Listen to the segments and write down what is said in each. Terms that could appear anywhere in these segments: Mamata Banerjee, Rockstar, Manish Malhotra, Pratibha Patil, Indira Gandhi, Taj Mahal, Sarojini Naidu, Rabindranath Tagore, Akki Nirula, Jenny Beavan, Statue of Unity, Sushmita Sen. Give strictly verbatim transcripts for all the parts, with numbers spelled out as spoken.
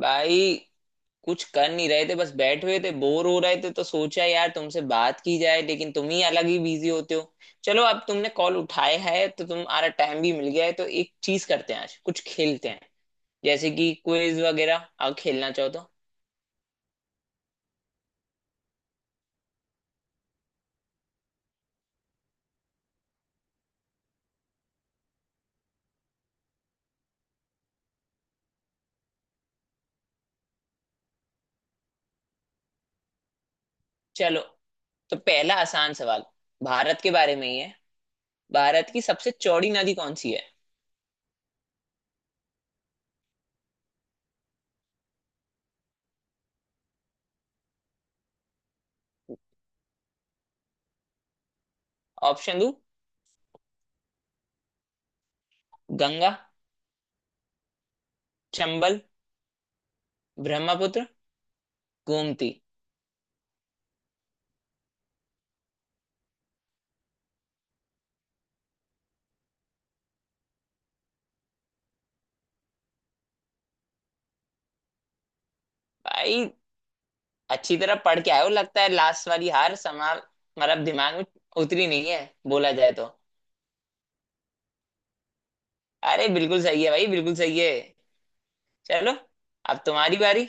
भाई कुछ कर नहीं रहे थे, बस बैठे हुए थे, बोर हो रहे थे तो सोचा यार तुमसे बात की जाए, लेकिन तुम ही अलग ही बिजी होते हो। चलो, अब तुमने कॉल उठाया है तो तुम्हारा टाइम भी मिल गया है, तो एक चीज करते हैं, आज कुछ खेलते हैं, जैसे कि क्विज वगैरह, अगर खेलना चाहो तो। चलो, तो पहला आसान सवाल, भारत के बारे में ही है। भारत की सबसे चौड़ी नदी कौन सी है? ऑप्शन दो। गंगा, चंबल, ब्रह्मपुत्र, गोमती। भाई अच्छी तरह पढ़ के आए हो, लगता है लास्ट वाली हार समा मतलब दिमाग में उतरी नहीं है, बोला जाए तो। अरे बिल्कुल सही है भाई, बिल्कुल सही है। चलो, अब तुम्हारी बारी।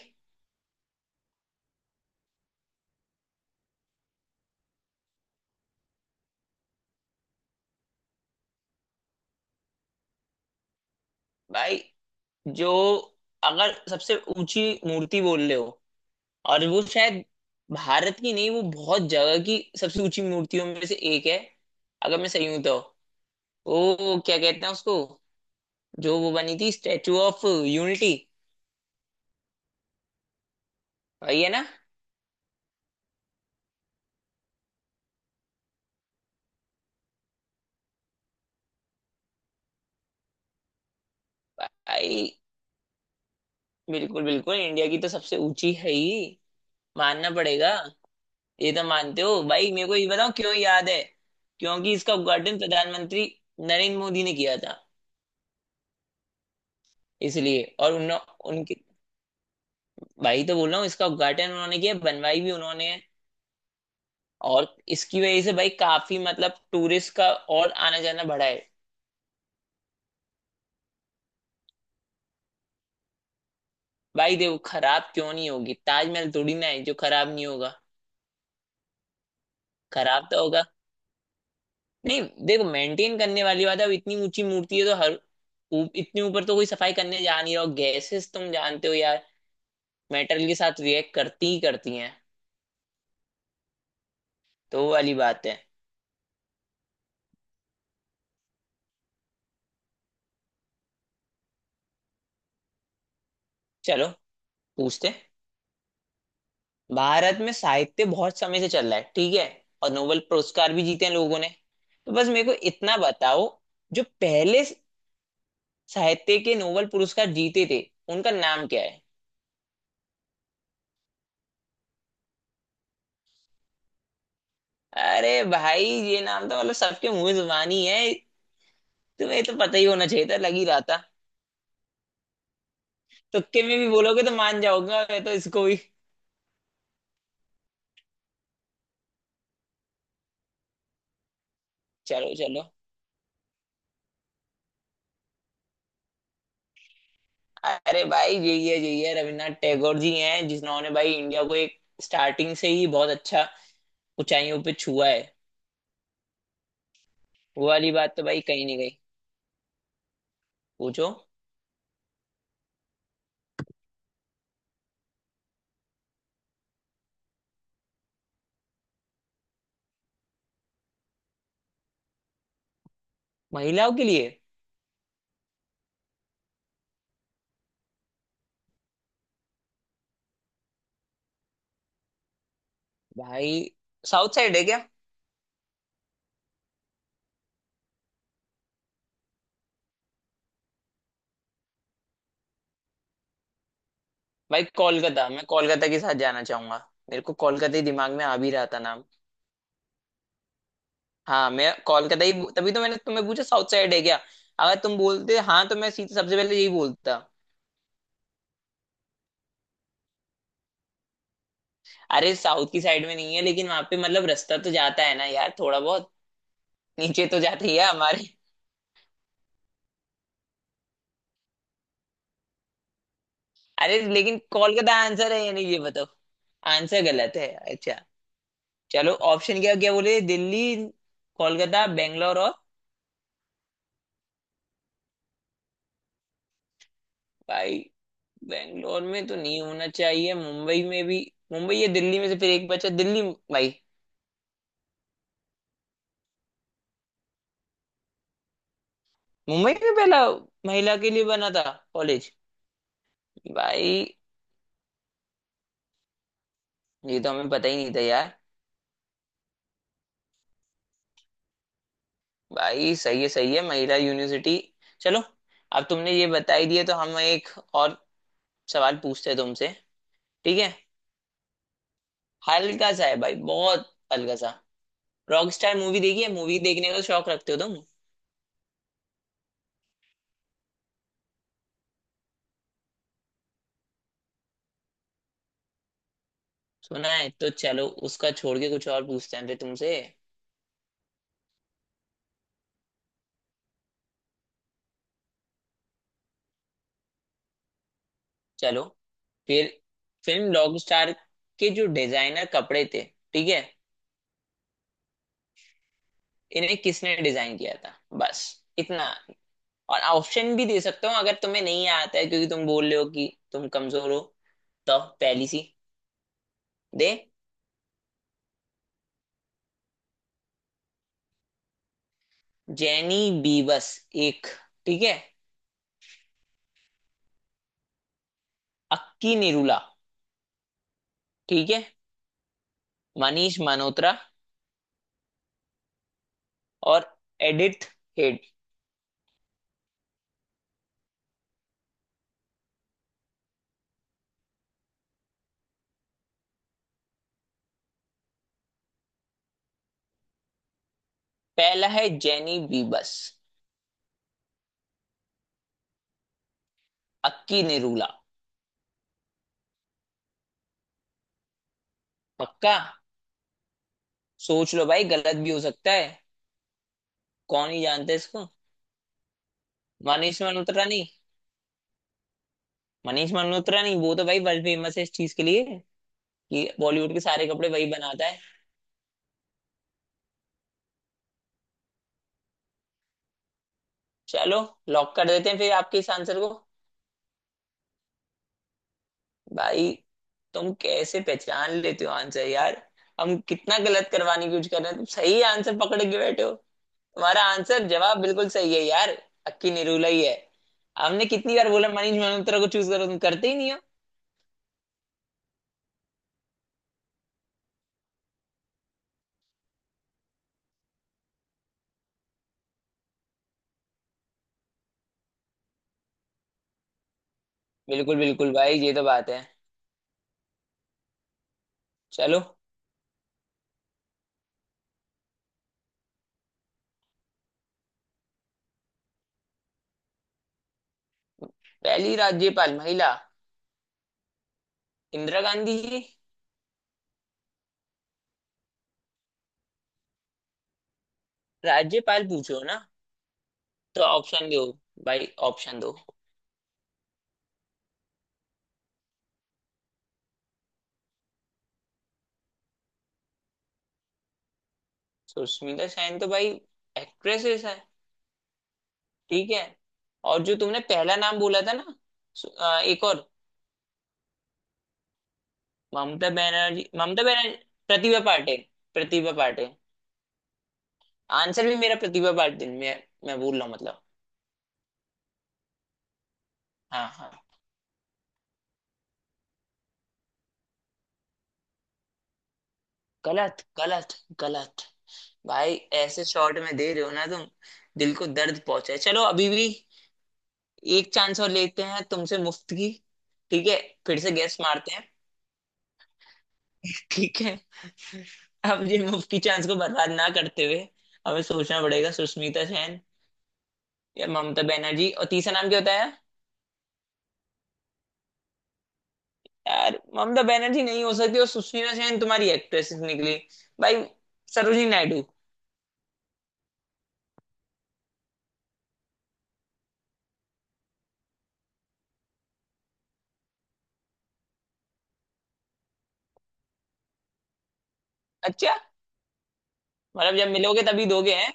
भाई जो, अगर सबसे ऊंची मूर्ति बोल रहे हो, और वो शायद भारत की नहीं, वो बहुत जगह की सबसे ऊंची मूर्तियों में से एक है, अगर मैं सही हूं तो। वो क्या कहते हैं उसको, जो वो बनी थी, स्टेचू ऑफ यूनिटी। वही है ना? भाई बिल्कुल बिल्कुल, इंडिया की तो सबसे ऊंची है ही। मानना पड़ेगा। ये तो मानते हो भाई, मेरे को ये बताओ क्यों याद है। क्योंकि इसका उद्घाटन प्रधानमंत्री नरेंद्र मोदी ने किया था, इसलिए। और उन, उनके भाई, तो बोल रहा हूँ इसका उद्घाटन उन्होंने किया, बनवाई भी उन्होंने है। और इसकी वजह से भाई काफी मतलब टूरिस्ट का और आना जाना बढ़ा है। भाई देखो, खराब क्यों नहीं होगी, ताजमहल थोड़ी ना है जो खराब नहीं होगा। खराब तो होगा नहीं। देखो, मेंटेन करने वाली बात है, अब इतनी ऊंची मूर्ति है तो हर ऊ- इतने ऊपर तो कोई सफाई करने जा नहीं रहा, हो गैसेस तुम जानते हो यार, मेटल के साथ रिएक्ट करती ही करती हैं। तो वो वाली बात है। चलो पूछते हैं। भारत में साहित्य बहुत समय से चल रहा है, ठीक है, और नोबेल पुरस्कार भी जीते हैं लोगों ने। तो बस मेरे को इतना बताओ, जो पहले साहित्य के नोबेल पुरस्कार जीते थे, उनका नाम क्या है? अरे भाई, ये नाम तो मतलब सबके मुंह जुबानी है, तुम्हें तो पता ही होना चाहिए था, लग ही रहा था तुक्के में भी बोलोगे तो मान जाओगे, मैं तो इसको भी। चलो चलो, अरे भाई जे ये जे ये रविन्द्रनाथ टैगोर जी हैं, जिन्होंने भाई इंडिया को एक स्टार्टिंग से ही बहुत अच्छा ऊंचाइयों पे छुआ है। वो वाली बात तो भाई कहीं नहीं गई। पूछो। महिलाओं के लिए? भाई, साउथ साइड है क्या? भाई कोलकाता, मैं कोलकाता के साथ जाना चाहूंगा। मेरे को कोलकाता ही दिमाग में आ भी रहा था नाम। हाँ, मैं कोलकाता ही, तभी तो मैंने तुम्हें पूछा साउथ साइड है क्या, अगर तुम बोलते हाँ तो मैं सीधे सबसे पहले यही बोलता। अरे साउथ की साइड में नहीं है, लेकिन वहां पे मतलब रास्ता तो जाता है ना यार, थोड़ा बहुत नीचे तो जाती है हमारे। अरे लेकिन कॉल का तो आंसर है या नहीं ये बताओ। आंसर गलत है? अच्छा। चलो ऑप्शन क्या क्या बोले, दिल्ली, कोलकाता, बेंगलोर और। भाई बेंगलोर में तो नहीं होना चाहिए, मुंबई में भी। मुंबई या दिल्ली में से, फिर एक बचा दिल्ली। भाई मुंबई में पहला महिला के लिए बना था कॉलेज? भाई ये तो हमें पता ही नहीं था यार। भाई सही है, सही है, महिला यूनिवर्सिटी। चलो, अब तुमने ये बता ही दिया, तो हम एक और सवाल पूछते हैं तुमसे। ठीक है, हल्का सा है भाई, बहुत हल्का सा। रॉकस्टार मूवी देखी है, मूवी देखने का शौक रखते हो तुम? सुना है तो चलो उसका छोड़ के कुछ और पूछते हैं फिर तुमसे। चलो फिर, फिल्म रॉकस्टार के जो डिजाइनर कपड़े थे, ठीक है, इन्हें किसने डिजाइन किया था, बस इतना। और ऑप्शन भी दे सकता हूँ अगर तुम्हें नहीं आता है, क्योंकि तुम बोल रहे हो कि तुम कमजोर हो। तो पहली सी दे, जेनी बीवस एक, ठीक है, अक्की निरूला, ठीक है, मनीष मल्होत्रा, और एडिथ हेड। पहला है जेनी बीबस, अक्की निरूला। पक्का? सोच लो भाई, गलत भी हो सकता है, कौन ही जानता है इसको। मनीष मल्होत्रा नहीं? मनीष मल्होत्रा नहीं, वो तो भाई वर्ल्ड फेमस है इस चीज के लिए कि बॉलीवुड के सारे कपड़े वही बनाता है। चलो लॉक कर देते हैं फिर आपके इस आंसर को। भाई तुम कैसे पहचान लेते हो आंसर यार, हम कितना गलत करवाने की कोशिश कर रहे हैं, तुम सही आंसर पकड़ के बैठे हो। हमारा आंसर जवाब बिल्कुल सही है यार, अक्की निरूला ही है। हमने कितनी बार बोला मनीष मल्होत्रा को चूज करो, तुम करते ही नहीं हो। बिल्कुल बिल्कुल भाई, ये तो बात है। चलो, पहली राज्यपाल महिला, इंदिरा गांधी जी। राज्यपाल पूछो ना, तो ऑप्शन दो भाई, ऑप्शन दो। सुष्मिता सेन तो भाई एक्ट्रेसेस है, ठीक है। और जो तुमने पहला नाम बोला था ना, सु- अ, एक और, ममता बनर्जी, ममता बनर्जी, प्रतिभा पाटिल, प्रतिभा पाटिल। आंसर भी मेरा प्रतिभा पाटिल में, मैं बोल रहा हूँ मतलब। हाँ हाँ। गलत गलत गलत। भाई ऐसे शॉट में दे रहे हो ना तुम, दिल को दर्द पहुंचा है। चलो अभी भी एक चांस और लेते हैं तुमसे मुफ्त की, ठीक है। फिर से गैस मारते हैं। ठीक है। अब ये मुफ्त की चांस को बर्बाद ना करते हुए हमें सोचना पड़ेगा। सुष्मिता सेन या ममता बनर्जी, और तीसरा नाम क्या होता है? यार ममता बनर्जी नहीं हो सकती, और सुष्मिता सेन तुम्हारी एक्ट्रेस निकली। भाई, सरोजिनी नायडू। अच्छा, मतलब जब मिलोगे तभी दोगे हैं।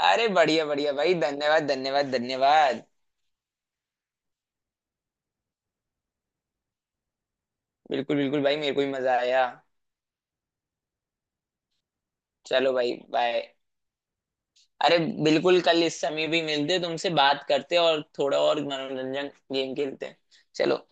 अरे बढ़िया बढ़िया भाई, धन्यवाद धन्यवाद धन्यवाद। बिल्कुल बिल्कुल भाई, मेरे को भी मजा आया। चलो भाई बाय। अरे बिल्कुल, कल इस समय भी मिलते, तुमसे बात करते और थोड़ा और मनोरंजन गेम खेलते हैं। चलो।